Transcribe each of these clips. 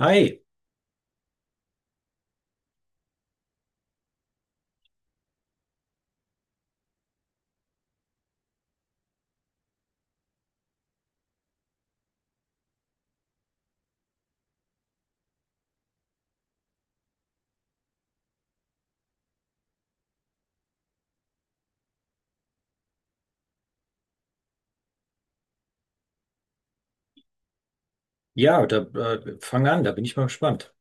Hi, ja, da fang an, da bin ich mal gespannt.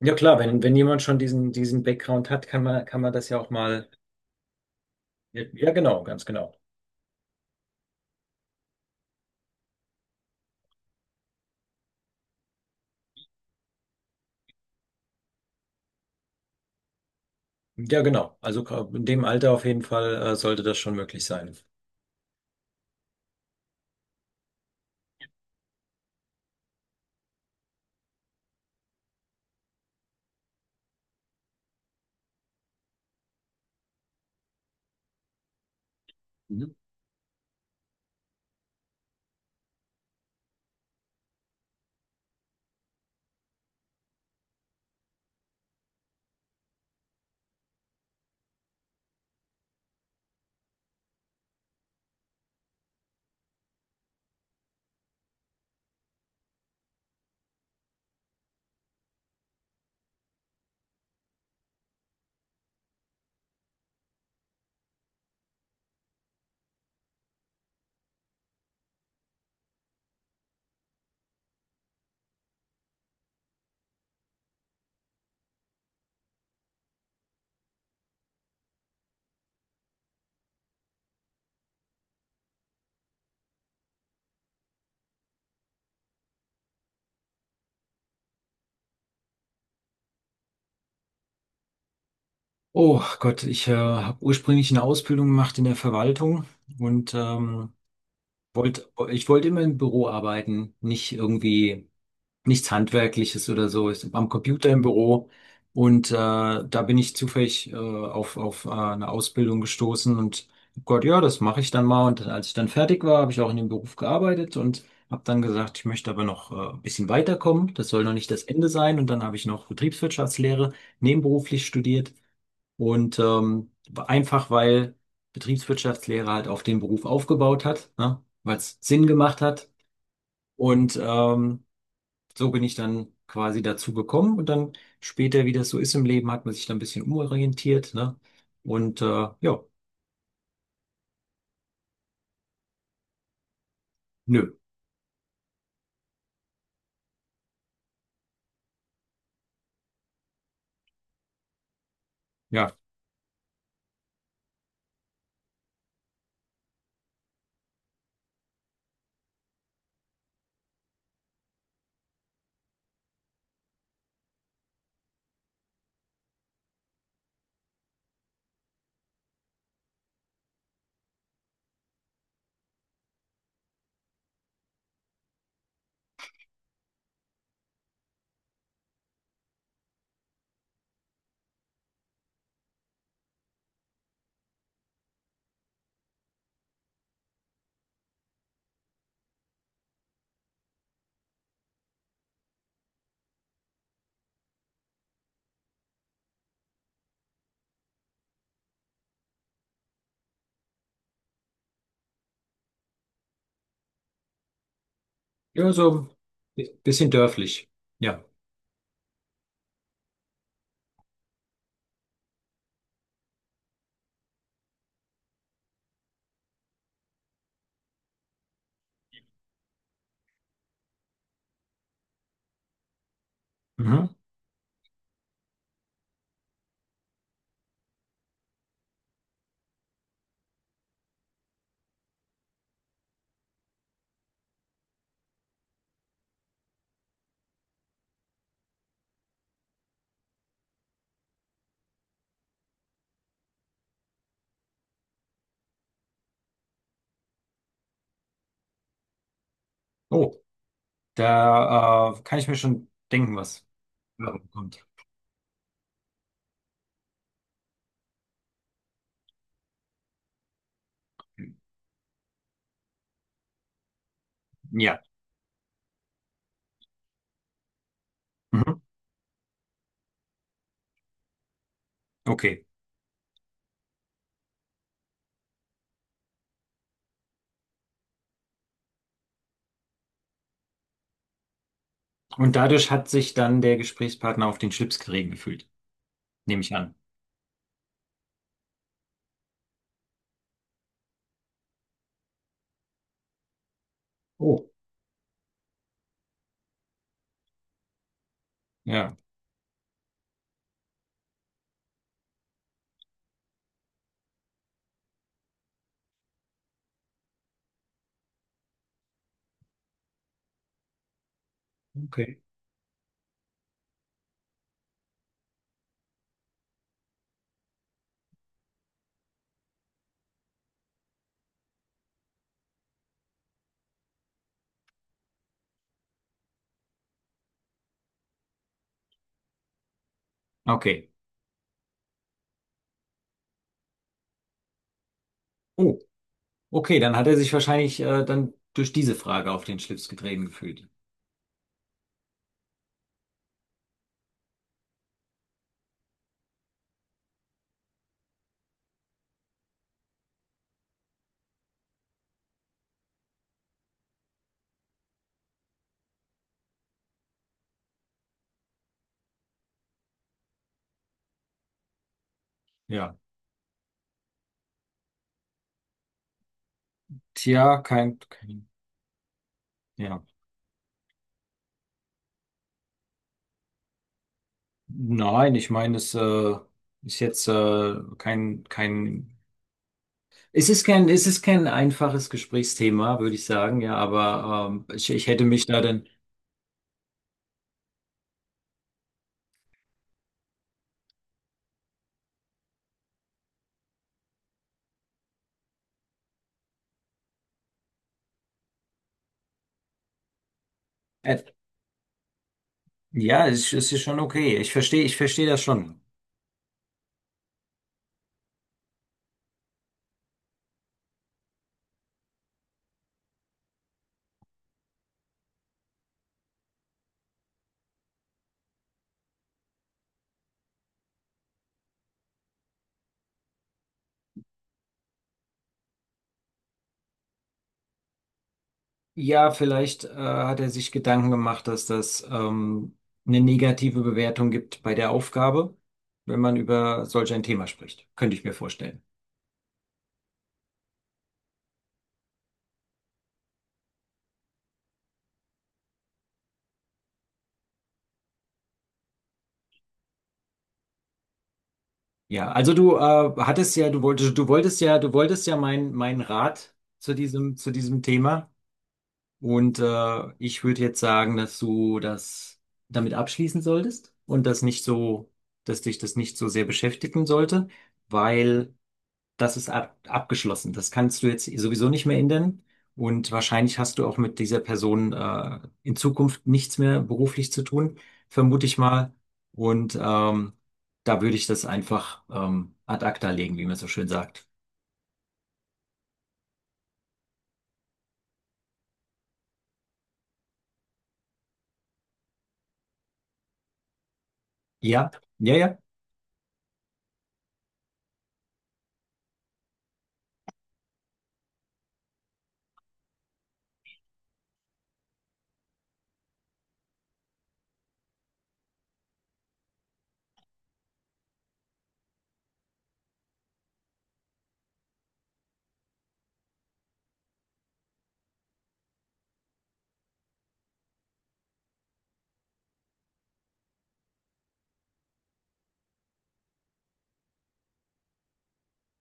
Ja klar, wenn jemand schon diesen Background hat, kann man das ja auch mal. Ja, ja, genau, ganz genau. Ja, genau. Also in dem Alter auf jeden Fall sollte das schon möglich sein. Mhm. Oh Gott, ich habe ursprünglich eine Ausbildung gemacht in der Verwaltung und ich wollte immer im Büro arbeiten, nicht irgendwie nichts Handwerkliches oder so, ist am Computer im Büro. Und da bin ich zufällig auf eine Ausbildung gestoßen und hab Gott, ja, das mache ich dann mal. Und als ich dann fertig war, habe ich auch in dem Beruf gearbeitet und habe dann gesagt, ich möchte aber noch ein bisschen weiterkommen. Das soll noch nicht das Ende sein. Und dann habe ich noch Betriebswirtschaftslehre nebenberuflich studiert. Und einfach weil Betriebswirtschaftslehre halt auf den Beruf aufgebaut hat, ne? Weil es Sinn gemacht hat. Und so bin ich dann quasi dazu gekommen und dann später, wie das so ist im Leben, hat man sich dann ein bisschen umorientiert, ne? Und ja, nö, ja, ja, so bisschen dörflich, ja. Mhm. Oh, da kann ich mir schon denken, was da kommt. Ja, mhm. Okay. Und dadurch hat sich dann der Gesprächspartner auf den Schlips gerieben gefühlt, nehme ich an. Oh, ja, okay. Okay. Oh, okay, dann hat er sich wahrscheinlich dann durch diese Frage auf den Schlips getreten gefühlt. Ja. Tja, kein, kein, ja. Nein, ich meine, es ist jetzt kein, kein, es ist kein, es ist kein einfaches Gesprächsthema, würde ich sagen, ja, aber ich hätte mich da dann, äh, ja, es ist schon okay. Ich verstehe das schon. Ja, vielleicht hat er sich Gedanken gemacht, dass das eine negative Bewertung gibt bei der Aufgabe, wenn man über solch ein Thema spricht. Könnte ich mir vorstellen. Ja, also du hattest ja, du wolltest ja, du wolltest ja meinen Rat zu zu diesem Thema. Und ich würde jetzt sagen, dass du das damit abschließen solltest und das nicht so, dass dich das nicht so sehr beschäftigen sollte, weil das abgeschlossen. Das kannst du jetzt sowieso nicht mehr ändern. Und wahrscheinlich hast du auch mit dieser Person in Zukunft nichts mehr beruflich zu tun, vermute ich mal. Und da würde ich das einfach ad acta legen, wie man so schön sagt. Ja, ja, ja.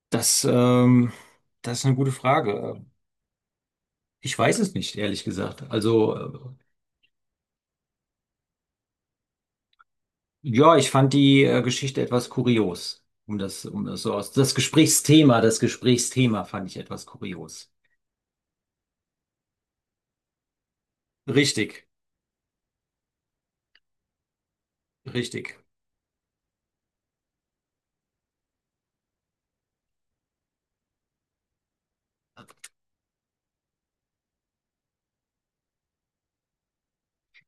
Das, das ist eine gute Frage. Ich weiß es nicht, ehrlich gesagt. Also, ja, ich fand die Geschichte etwas kurios. Um das so aus, das Gesprächsthema fand ich etwas kurios. Richtig, richtig.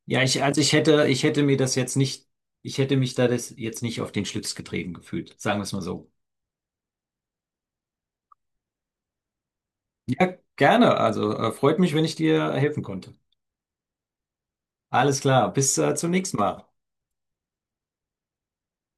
Ja, also ich hätte mir das jetzt nicht, ich hätte mich da das jetzt nicht auf den Schlips getreten gefühlt, sagen wir es mal so. Ja, gerne. Also freut mich, wenn ich dir helfen konnte. Alles klar, bis zum nächsten Mal.